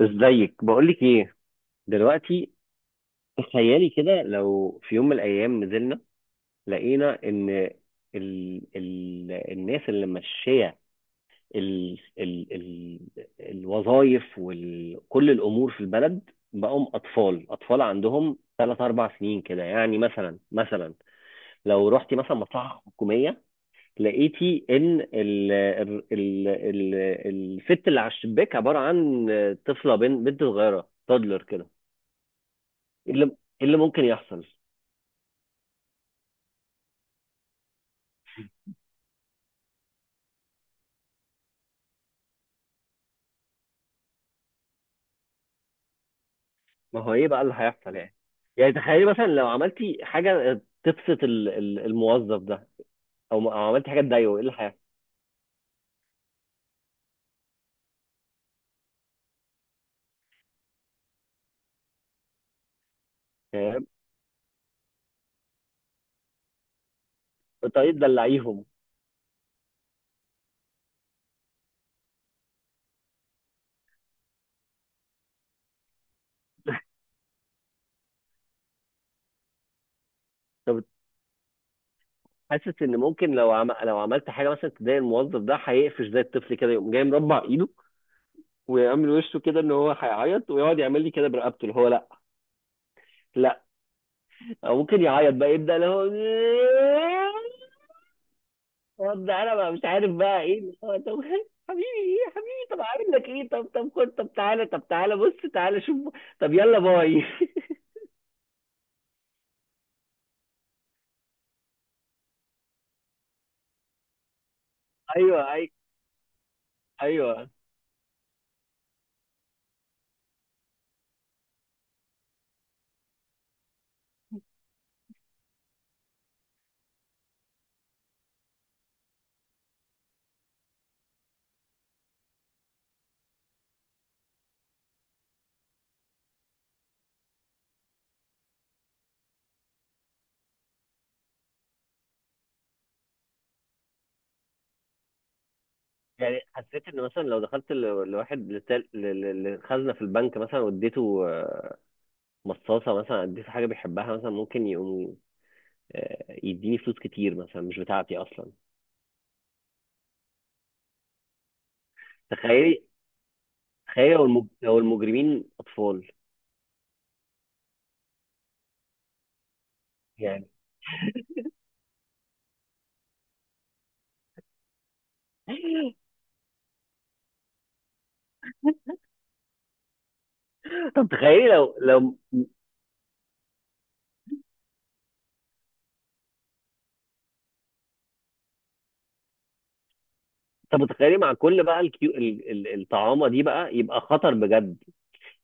ازيك؟ بقولك ايه دلوقتي، تخيلي كده لو في يوم من الايام نزلنا لقينا ان ال الناس اللي ماشيه ال ال ال الوظائف وكل الامور في البلد بقوا اطفال، اطفال عندهم ثلاث اربع سنين كده، يعني مثلا لو رحتي مثلا مصلحه حكوميه لقيتي ان ال الست اللي على الشباك عباره عن طفله، بنت بنت صغيره، تادلر كده. إيه اللي ممكن يحصل؟ ما هو ايه بقى اللي هيحصل يعني تخيلي مثلا لو عملتي حاجه تبسط الموظف ده، او عملتي حاجه تضايقه ايه اللي هيحصل؟ يعني طريقه تدلعيهم. طب حاسس ان ممكن لو لو عملت حاجه مثلا تضايق الموظف ده هيقفش زي الطفل كده، يقوم جاي مربع ايده ويعمل وشه كده ان هو هيعيط، ويقعد يعمل لي كده برقبته اللي هو لا، لا. او ممكن يعيط بقى، يبدا اللي هو رد، انا بقى مش عارف بقى ايه اللي هو. طب حبيبي ايه، يا حبيبي، طب عامل لك ايه، طب طب خد، طب تعالى، طب تعالى بص تعالى شوف، طب يلا باي. ايوه ايوه، ايوه. يعني حسيت ان مثلا لو دخلت لواحد لخزنه في البنك مثلا واديته مصاصه مثلا، اديته حاجه بيحبها مثلا ممكن يقوم يديني فلوس كتير مثلا مش بتاعتي اصلا. تخيلي، تخيلي لو لو المجرمين اطفال يعني. طب تخيلي لو لو طب تخيلي مع كل بقى الكيو الطعامه دي بقى، يبقى خطر بجد.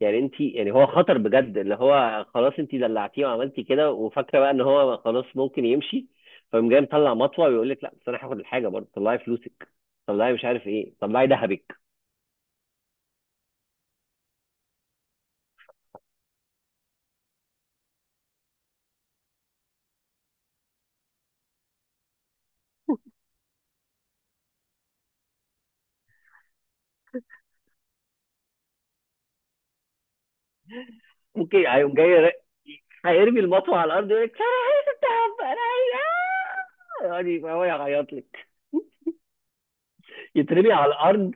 يعني انت يعني هو خطر بجد اللي هو خلاص، انت دلعتيه وعملتي كده وفاكره بقى ان هو خلاص ممكن يمشي، فقام جاي مطلع مطوه ويقول لك لا بس انا هاخد الحاجه برضه، طلعي فلوسك، طلعي مش عارف ايه، طلعي ذهبك. ممكن هيقوم جاي هيرمي المطوه على الارض، يقول لك انا عايز الذهب انا عايز آه!" يعني هو يعيط لك، يترمي على الارض.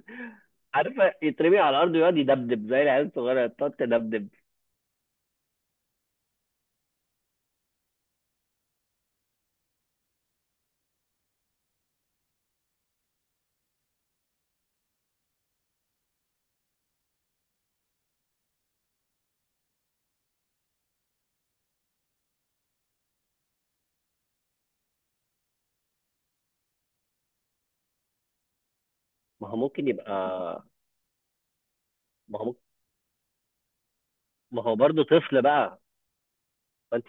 عارفه يترمي على الارض ويقعد يدبدب زي العيال الصغيره تقعد تدبدب. ما هو ممكن يبقى، ما هو ما هو برضه طفل بقى. فانت.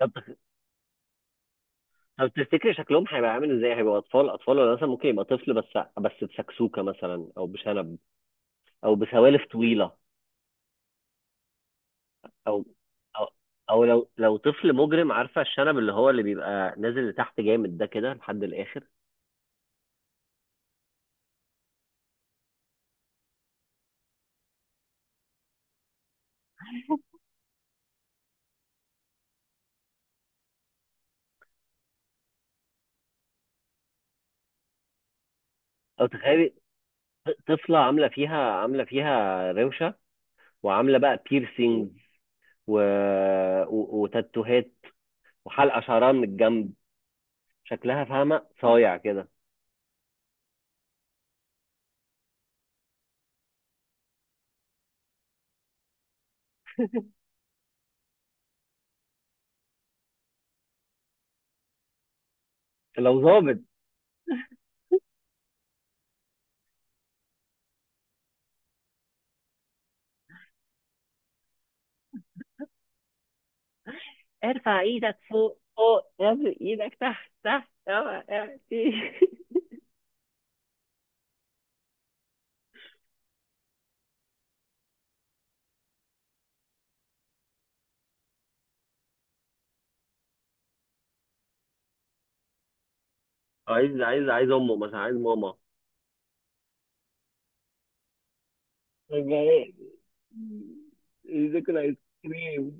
طب، طب تفتكري شكلهم هيبقى عامل ازاي؟ هيبقى اطفال اطفال ولا مثلا ممكن يبقى طفل، بس بس بسكسوكه مثلا، او بشنب، او بسوالف طويله، او او او لو طفل مجرم، عارفه الشنب اللي هو اللي بيبقى نازل لتحت جامد ده كده لحد الاخر. او تخيلي طفله عامله فيها روشه، وعامله بقى بيرسينج، و... و وتاتوهات وحلقه شعرها من الجنب، شكلها فاهمه صايع كده. لو ظابط، عايز عايز امه مثلا، عايز ماما، يبقى يذاكر ايس كريم.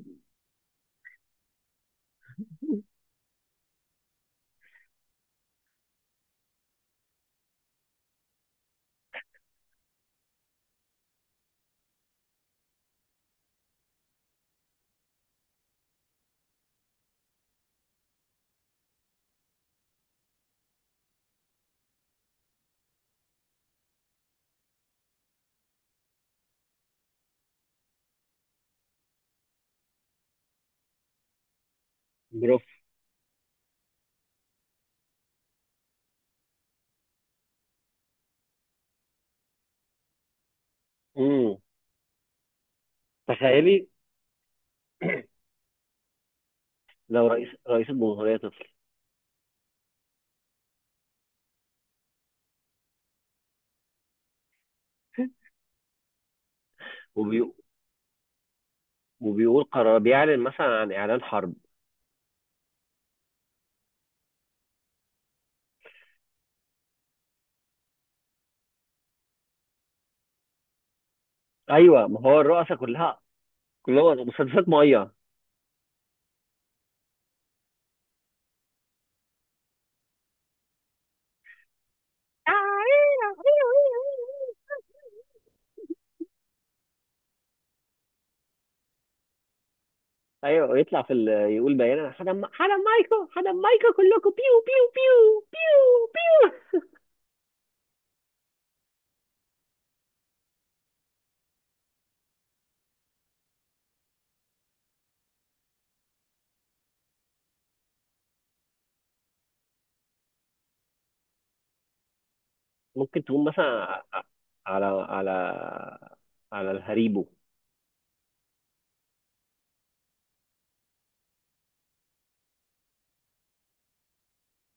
برافو. امم تخيلي لو رئيس الجمهورية طفل، وبي... وبيقول قرار، بيعلن مثلا عن إعلان حرب. أيوه ما هو الرؤساء كلها، كلها مسدسات مية. أيوه ويطلع في يقول بيان أنا هدم هدم مايكو، هدم مايكو كلكم بيو بيو بيو بيو بيو. ممكن تقوم مثلا ع- على على الهريبو.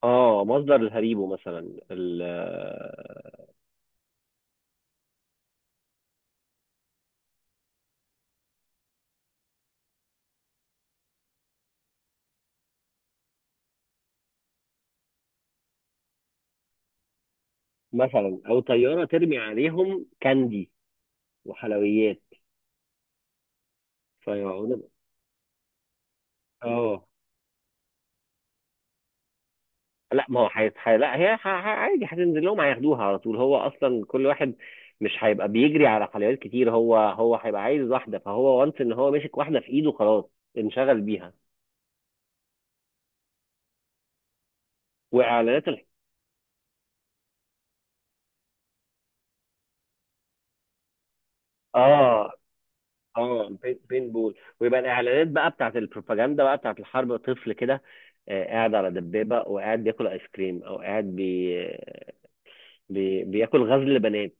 اه، مصدر الهريبو مثلا مثلا، او طياره ترمي عليهم كاندي وحلويات، فيقعدوا. اه لا، ما هو لا هي عادي هتنزل لهم هياخدوها على طول، هو اصلا كل واحد مش هيبقى بيجري على حلويات كتير، هو هيبقى عايز واحده، فهو وانس ان هو مسك واحده في ايده خلاص، انشغل بيها. واعلانات اه، اه، بين بين بول، ويبقى الاعلانات بقى بتاعت البروباجندا بقى بتاعت الحرب طفل كده، قاعد على دبابه وقاعد بياكل ايس كريم، او قاعد بياكل غزل بنات.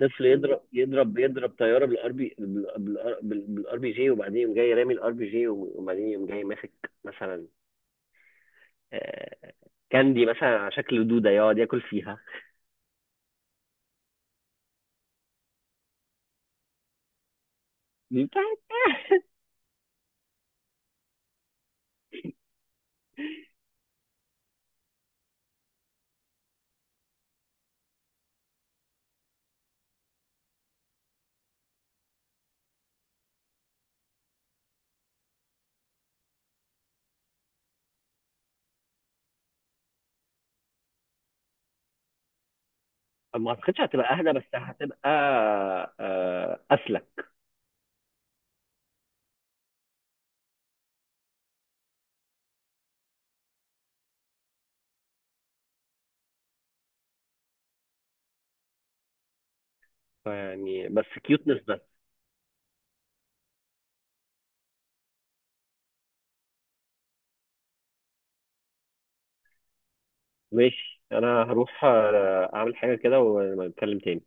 طفل يضرب يضرب يضرب طياره بالار بي جي، وبعدين يقوم جاي رامي الار بي جي، وبعدين يقوم جاي ماسك مثلا آه، كاندي مثلا على شكل دوده يقعد ياكل فيها. دي بتاعت. ما اعتقدش هتبقى اهدى بس هتبقى اسلك. يعني بس كيوتنس. ماشي، انا هروح اعمل حاجة كده ونتكلم تاني.